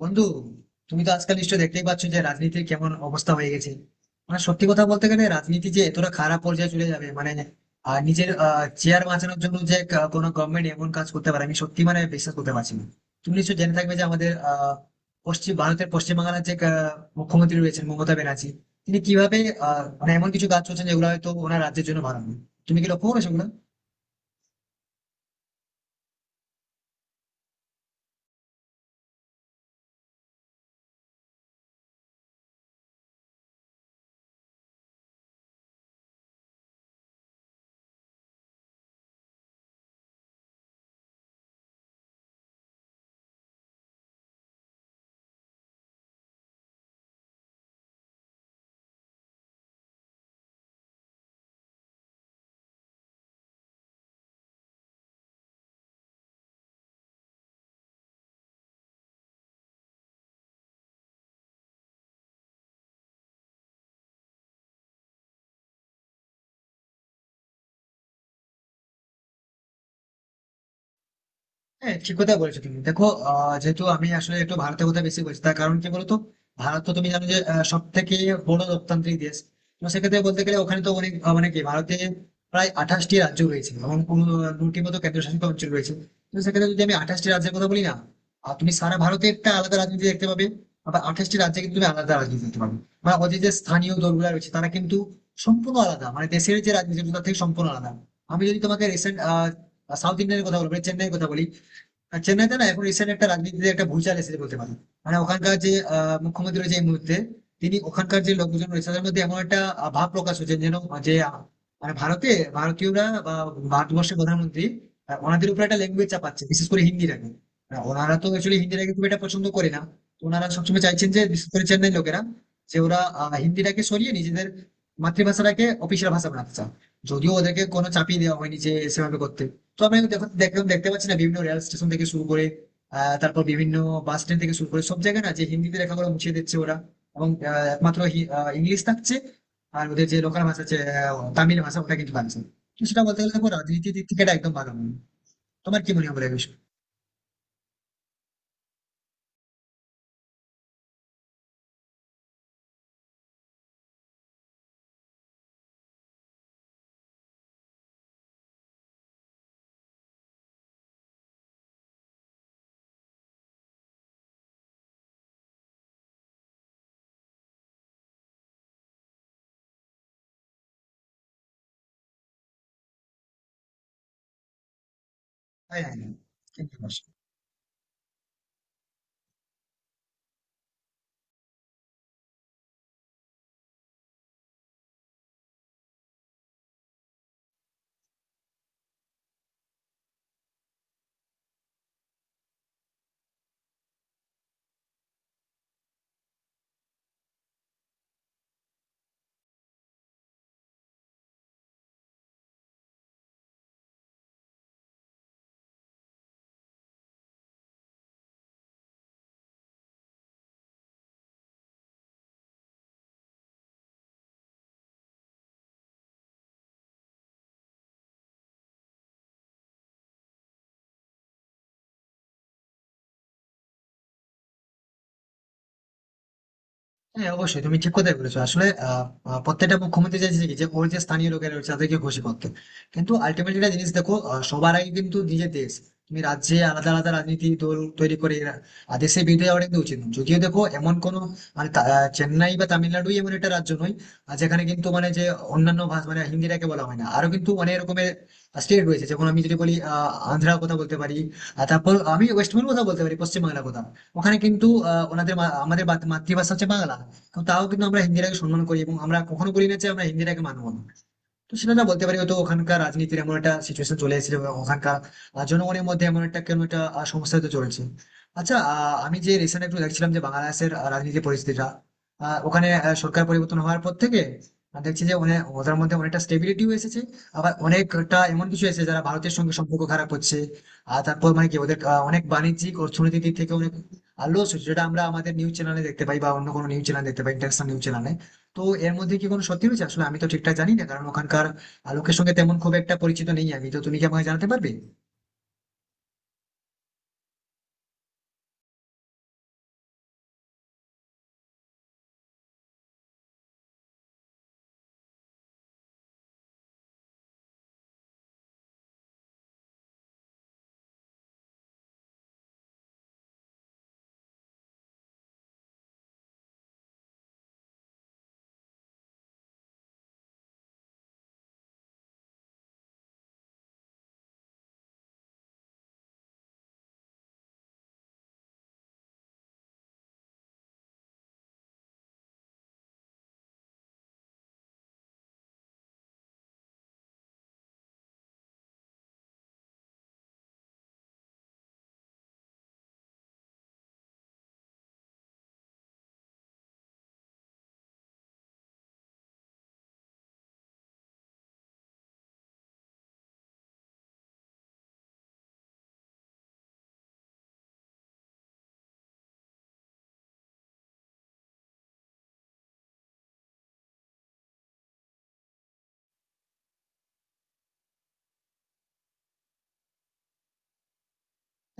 বন্ধু, তুমি তো আজকাল নিশ্চয় দেখতেই পাচ্ছ যে রাজনীতির কেমন অবস্থা হয়ে গেছে। মানে, সত্যি কথা বলতে গেলে রাজনীতি যে এতটা খারাপ পর্যায়ে চলে যাবে, মানে নিজের চেয়ার বাঁচানোর জন্য যে কোনো গভর্নমেন্ট এমন কাজ করতে পারে, আমি সত্যি মানে বিশ্বাস করতে পারছি না। তুমি নিশ্চয় জেনে থাকবে যে আমাদের পশ্চিম ভারতের, পশ্চিম বাংলার যে মুখ্যমন্ত্রী রয়েছেন, মমতা ব্যানার্জি, তিনি কিভাবে মানে এমন কিছু কাজ করছেন যেগুলো হয়তো ওনার রাজ্যের জন্য ভালো নয়। তুমি কি লক্ষ্য করেছো ওগুলো? হ্যাঁ, ঠিক কথা বলেছো তুমি। দেখো, যেহেতু আমি আসলে একটু ভারতের কথা বেশি বলছি, তার কারণ কি বলতো। ভারত তো তুমি জানো যে সব থেকে বড় লোকতান্ত্রিক দেশ। তো সেক্ষেত্রে বলতে গেলে ওখানে তো অনেক মানে কি, ভারতে প্রায় 28টি রাজ্য রয়েছে এবং দুটি মতো কেন্দ্রশাসিত অঞ্চল রয়েছে। তো সেক্ষেত্রে যদি আমি 28টি রাজ্যের কথা বলি না, আর তুমি সারা ভারতে একটা আলাদা রাজনীতি দেখতে পাবে, আবার 28টি রাজ্যে কিন্তু তুমি আলাদা রাজনীতি দেখতে পাবে। মানে ওদের যে স্থানীয় দলগুলো রয়েছে তারা কিন্তু সম্পূর্ণ আলাদা, মানে দেশের যে রাজনীতি তার থেকে সম্পূর্ণ আলাদা। আমি যদি তোমাকে রিসেন্ট সাউথ ইন্ডিয়ানের কথা বলবো, মানে চেন্নাইয়ের কথা বলি, আর চেন্নাইতে না এখন রিসেন্ট একটা রাজনীতিতে একটা ভূচাল এসেছে বলতে পারি। মানে ওখানকার যে মুখ্যমন্ত্রী রয়েছে এই মুহূর্তে, তিনি ওখানকার যে লোকজন রয়েছে তাদের মধ্যে এমন একটা ভাব প্রকাশ হচ্ছে যেন, যে মানে ভারতে, ভারতীয়রা বা ভারতবর্ষের প্রধানমন্ত্রী ওনাদের উপর একটা ল্যাঙ্গুয়েজ চাপাচ্ছে, বিশেষ করে হিন্দিটাকে। আর ওনারা তো অ্যাকচুয়ালি হিন্দিটাকে খুব একটা পছন্দ করে না। তো ওনারা সবসময় চাইছেন যে, বিশেষ করে চেন্নাই লোকেরা, যে ওরা হিন্দিটাকে সরিয়ে নিজেদের মাতৃভাষাটাকে অফিসিয়াল ভাষা বানাতে চান। যদিও ওদেরকে কোনো চাপিয়ে দেওয়া হয়নি যে সেভাবে করতে। তো আপনি দেখুন, দেখুন দেখতে পাচ্ছি না বিভিন্ন রেল স্টেশন থেকে শুরু করে তারপর বিভিন্ন বাস স্ট্যান্ড থেকে শুরু করে সব জায়গায় না যে হিন্দিতে লেখাগুলো মুছিয়ে দিচ্ছে ওরা, এবং একমাত্র ইংলিশ থাকছে, আর ওদের যে লোকাল ভাষা আছে তামিল ভাষা, ওটা কিন্তু থাকছে। তো সেটা বলতে গেলে দেখো রাজনীতির দিক থেকে এটা একদম ভালো নয়। তোমার কি মনে হয় বলে বিষয়? হ্যাঁ, হ্যাঁ, হ্যাঁ। ঠিক বলেছো। হ্যাঁ, অবশ্যই তুমি ঠিক কথাই বলেছো। আসলে আহ, আহ, প্রত্যেকটা মুখ্যমন্ত্রী চাইছে কি যে ওর যে স্থানীয় লোকেরা রয়েছে তাদেরকে খুশি করতে। কিন্তু আলটিমেটলি একটা জিনিস দেখো, সবার আগে কিন্তু নিজের দেশ। তুমি রাজ্যে আলাদা আলাদা রাজনীতি দল তৈরি করে আর দেশের বিরুদ্ধে যাওয়া কিন্তু উচিত নয়। যদিও দেখো এমন কোনো, মানে চেন্নাই বা তামিলনাড়ুই এমন একটা রাজ্য নয় আর, যেখানে কিন্তু মানে যে অন্যান্য ভাষা মানে হিন্দিটাকে বলা হয় না। আরো কিন্তু অনেক রকমের স্টেট রয়েছে, যেমন আমি যদি বলি আন্ধ্রার কথা বলতে পারি, আর তারপর আমি ওয়েস্ট বেঙ্গল কথা বলতে পারি, পশ্চিমবাংলার কথা। ওখানে কিন্তু ওনাদের আমাদের মাতৃভাষা হচ্ছে বাংলা। কিন্তু তাও কিন্তু আমরা হিন্দিটাকে সম্মান করি এবং আমরা কখনো বলি না যে আমরা হিন্দিটাকে মানবো না। তো সেটা না বলতে পারি হয়তো ওখানকার রাজনীতির এমন একটা সিচুয়েশন চলে এসেছে, বা ওখানকার জনগণের মধ্যে এমন একটা কেন একটা সমস্যা তো চলছে। আচ্ছা, আমি যে রিসেন্ট একটু দেখছিলাম যে বাংলাদেশের রাজনীতির পরিস্থিতিটা, ওখানে সরকার পরিবর্তন হওয়ার পর থেকে আমি দেখছি যে অনেক ওদের মধ্যে অনেকটা স্টেবিলিটিও এসেছে, আবার অনেকটা এমন কিছু এসেছে যারা ভারতের সঙ্গে সম্পর্ক খারাপ করছে। আর তারপর মানে কি ওদের অনেক বাণিজ্যিক অর্থনৈতিক দিক থেকে অনেক লস হচ্ছে, যেটা আমরা আমাদের নিউজ চ্যানেলে দেখতে পাই বা অন্য কোনো নিউজ চ্যানেল দেখতে পাই, ইন্টারন্যাশনাল নিউজ চ্যানেলে। তো এর মধ্যে কি কোনো সত্যি রয়েছে? আসলে আমি তো ঠিকঠাক জানি না কারণ ওখানকার লোকের সঙ্গে তেমন খুব একটা পরিচিত নেই আমি তো। তুমি কি আমাকে জানাতে পারবে?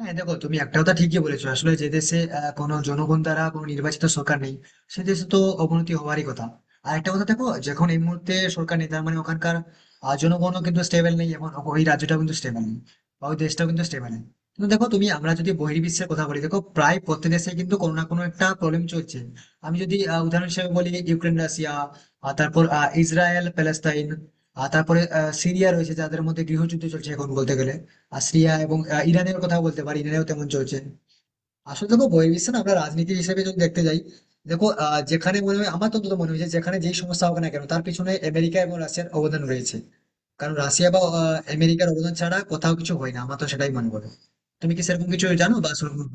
হ্যাঁ, দেখো তুমি একটা কথা ঠিকই বলেছো। আসলে যে দেশে কোনো জনগণ দ্বারা কোনো নির্বাচিত সরকার নেই, সে দেশে তো অবনতি হওয়ারই কথা। আর একটা কথা দেখো, যখন এই মুহূর্তে সরকার নেই, তার মানে ওখানকার জনগণও কিন্তু স্টেবল নেই, এবং ওই রাজ্যটাও কিন্তু স্টেবল নেই, বা ওই দেশটাও কিন্তু স্টেবল নেই। কিন্তু দেখো তুমি, আমরা যদি বহির্বিশ্বের কথা বলি, দেখো প্রায় প্রত্যেক দেশে কিন্তু কোনো না কোনো একটা প্রবলেম চলছে। আমি যদি উদাহরণ হিসেবে বলি, ইউক্রেন রাশিয়া, তারপর ইসরায়েল প্যালেস্তাইন, আর তারপরে সিরিয়া রয়েছে যাদের মধ্যে গৃহযুদ্ধ চলছে এখন বলতে গেলে। আর সিরিয়া এবং ইরানের কথা বলতে পারি, ইরানেও তেমন চলছে। আসলে দেখো বহির্বিশ্বে না, আমরা রাজনীতি হিসেবে যদি দেখতে যাই, দেখো যেখানে মনে হয়, আমার তো অন্তত মনে হয়েছে যেখানে যেই সমস্যা হোক না কেন তার পিছনে আমেরিকা এবং রাশিয়ার অবদান রয়েছে। কারণ রাশিয়া বা আমেরিকার অবদান ছাড়া কোথাও কিছু হয় না, আমার তো সেটাই মনে করে। তুমি কি সেরকম কিছু জানো বা সেরকম?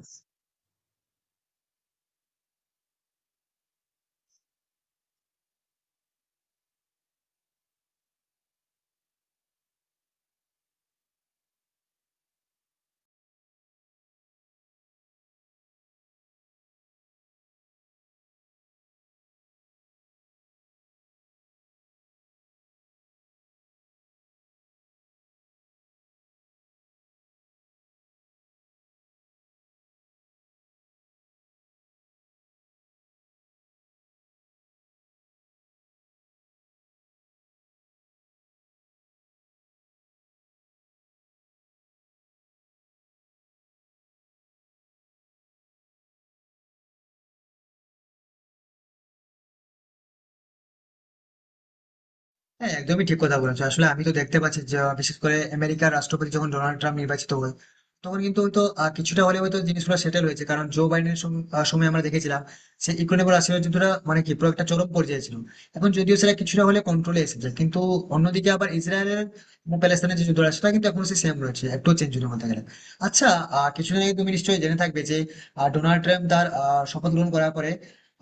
হ্যাঁ, একদমই ঠিক কথা বলেছো। আসলে আমি তো দেখতে পাচ্ছি যে বিশেষ করে আমেরিকার রাষ্ট্রপতি যখন ডোনাল্ড ট্রাম্প নির্বাচিত হয়, তখন কিন্তু হয়তো কিছুটা হলে হয়তো জিনিসগুলো সেটেল হয়েছে। কারণ জো বাইডেনের সময় আমরা দেখেছিলাম সে ইকোনমিক রাশিয়ার যুদ্ধটা মানে কি পুরো একটা চরম পর্যায়ে ছিল। এখন যদিও সেটা কিছুটা হলে কন্ট্রোলে এসেছে, কিন্তু অন্যদিকে আবার ইসরায়েলের এবং প্যালেস্তাইনের যে যুদ্ধটা, সেটা কিন্তু এখন সেম রয়েছে, একটু চেঞ্জ হয়নি বলতে গেলে। আচ্ছা, কিছুদিন আগে তুমি নিশ্চয়ই জেনে থাকবে যে ডোনাল্ড ট্রাম্প তার শপথ গ্রহণ করার পরে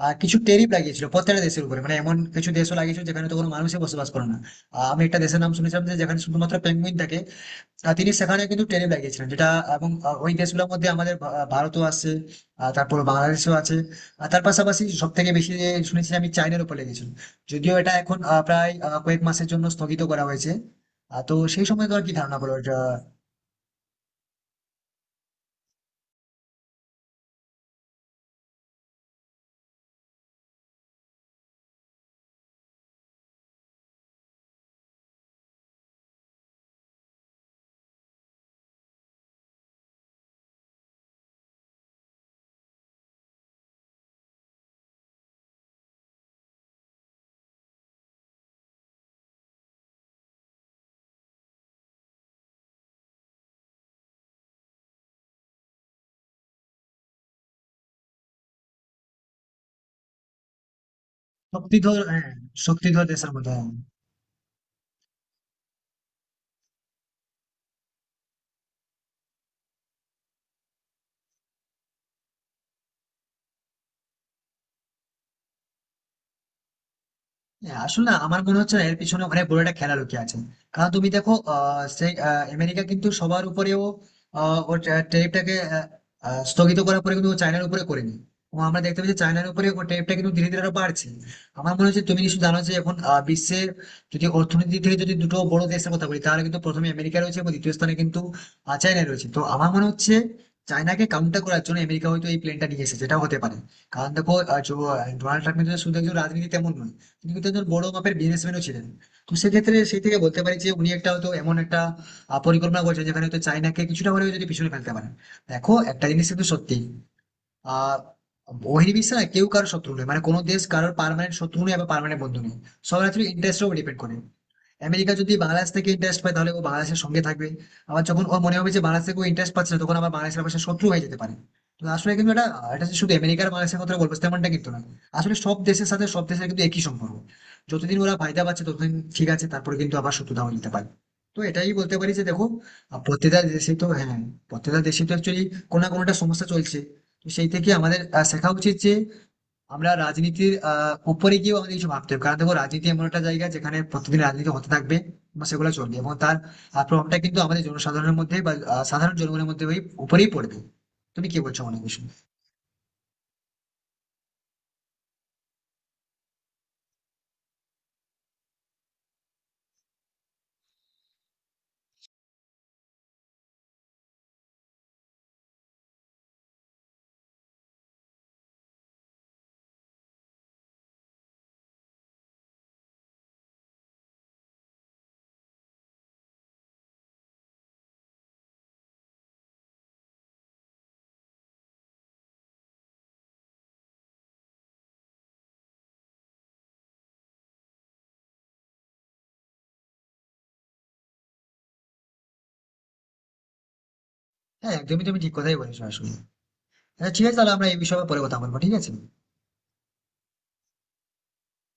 কিছু ট্যারিফ লাগিয়েছিল প্রত্যেকটা দেশের উপরে, মানে এমন কিছু দেশও লাগিয়েছিল যেখানে তো কোনো মানুষই বসবাস করে না। আমি একটা দেশের নাম শুনেছিলাম যে যেখানে শুধুমাত্র পেঙ্গুইন থাকে, তিনি সেখানে কিন্তু ট্যারিফ লাগিয়েছিলেন যেটা। এবং ওই দেশগুলোর মধ্যে আমাদের ভারতও আছে, তারপর বাংলাদেশও আছে, আর তার পাশাপাশি সব থেকে বেশি যে শুনেছি আমি চায়নার উপর লেগেছিল। যদিও এটা এখন প্রায় কয়েক মাসের জন্য স্থগিত করা হয়েছে। তো সেই সময় তোমার কি ধারণা বলো এটা? শক্তিধর, হ্যাঁ, শক্তিধর দেশের মধ্যে, হ্যাঁ। হ্যাঁ, আসলে না, আমার মনে হচ্ছে না এর পিছনে অনেক বড় একটা খেলা লুকিয়ে আছে। কারণ তুমি দেখো সেই আমেরিকা কিন্তু সবার উপরেও ওর ট্যারিফটাকে স্থগিত করার পরে কিন্তু ও চায়নার উপরে করেনি। এবং আমরা দেখতে পাচ্ছি চায়নার উপরে ও ট্যারিফটা কিন্তু ধীরে ধীরে আরো বাড়ছে। আমার মনে হচ্ছে তুমি নিশ্চয়ই জানো যে এখন বিশ্বের যদি অর্থনীতি থেকে যদি দুটো বড় দেশের কথা বলি, তাহলে কিন্তু প্রথমে আমেরিকা রয়েছে এবং দ্বিতীয় স্থানে কিন্তু চায়না রয়েছে। তো আমার মনে হচ্ছে চায়নাকে কাউন্টার করার জন্য আমেরিকা হয়তো এই প্লেনটা নিয়ে এসেছে, যেটা হতে পারে। কারণ দেখো ডোনাল্ড ট্রাম্প কিন্তু শুধু একজন রাজনীতি তেমন নয়, তিনি কিন্তু একজন বড় মাপের বিজনেসম্যানও ছিলেন। তো সেক্ষেত্রে সেই থেকে বলতে পারি যে উনি একটা হয়তো এমন একটা পরিকল্পনা করছেন যেখানে হয়তো চাইনাকে কিছুটা হলেও যদি পিছনে ফেলতে পারেন। দেখো একটা জিনিস কিন্তু সত্যি, আহ বহির্বিশ্বে না কেউ কারোর শত্রু নয়, মানে কোনো দেশ কারোর পার্মানেন্ট শত্রু নয় আবার পার্মানেন্ট বন্ধু নয়। সবার আসলে ইন্টারেস্টের উপর ডিপেন্ড করে। আমেরিকা যদি বাংলাদেশ থেকে ইন্টারেস্ট পায় তাহলে ও বাংলাদেশের সঙ্গে থাকবে, আবার যখন ও মনে হবে যে বাংলাদেশ থেকে ইন্টারেস্ট পাচ্ছে না, তখন আবার বাংলাদেশের পাশে শত্রু হয়ে যেতে পারে। তো আসলে কিন্তু এটা, এটা যে শুধু আমেরিকার বাংলাদেশের কথা বলবো তেমনটা কিন্তু না। আসলে সব দেশের সাথে সব দেশের কিন্তু একই সম্পর্ক। যতদিন ওরা ফায়দা পাচ্ছে ততদিন ঠিক আছে, তারপরে কিন্তু আবার শত্রুতা হয়ে যেতে পারে। তো এটাই বলতে পারি যে দেখো প্রত্যেকটা দেশে তো, হ্যাঁ, প্রত্যেকটা দেশে তো অ্যাকচুয়ালি কোনো না কোনোটা সমস্যা চলছে। তো সেই থেকে আমাদের শেখা উচিত যে আমরা রাজনীতির উপরে গিয়েও আমাদের কিছু ভাবতে হবে। কারণ দেখো রাজনীতি এমন একটা জায়গা যেখানে প্রতিদিন রাজনীতি হতে থাকবে এবং সেগুলো চলবে, এবং তার প্রভাবটা কিন্তু আমাদের জনসাধারণের মধ্যে বা সাধারণ জনগণের মধ্যে ওই উপরেই পড়বে। তুমি কি বলছো মনে বিষয়ে? হ্যাঁ, একদমই তুমি ঠিক কথাই বলেছো আসলে। আচ্ছা, ঠিক আছে, তাহলে আমরা এই বিষয়ে পরে কথা বলবো, ঠিক আছে।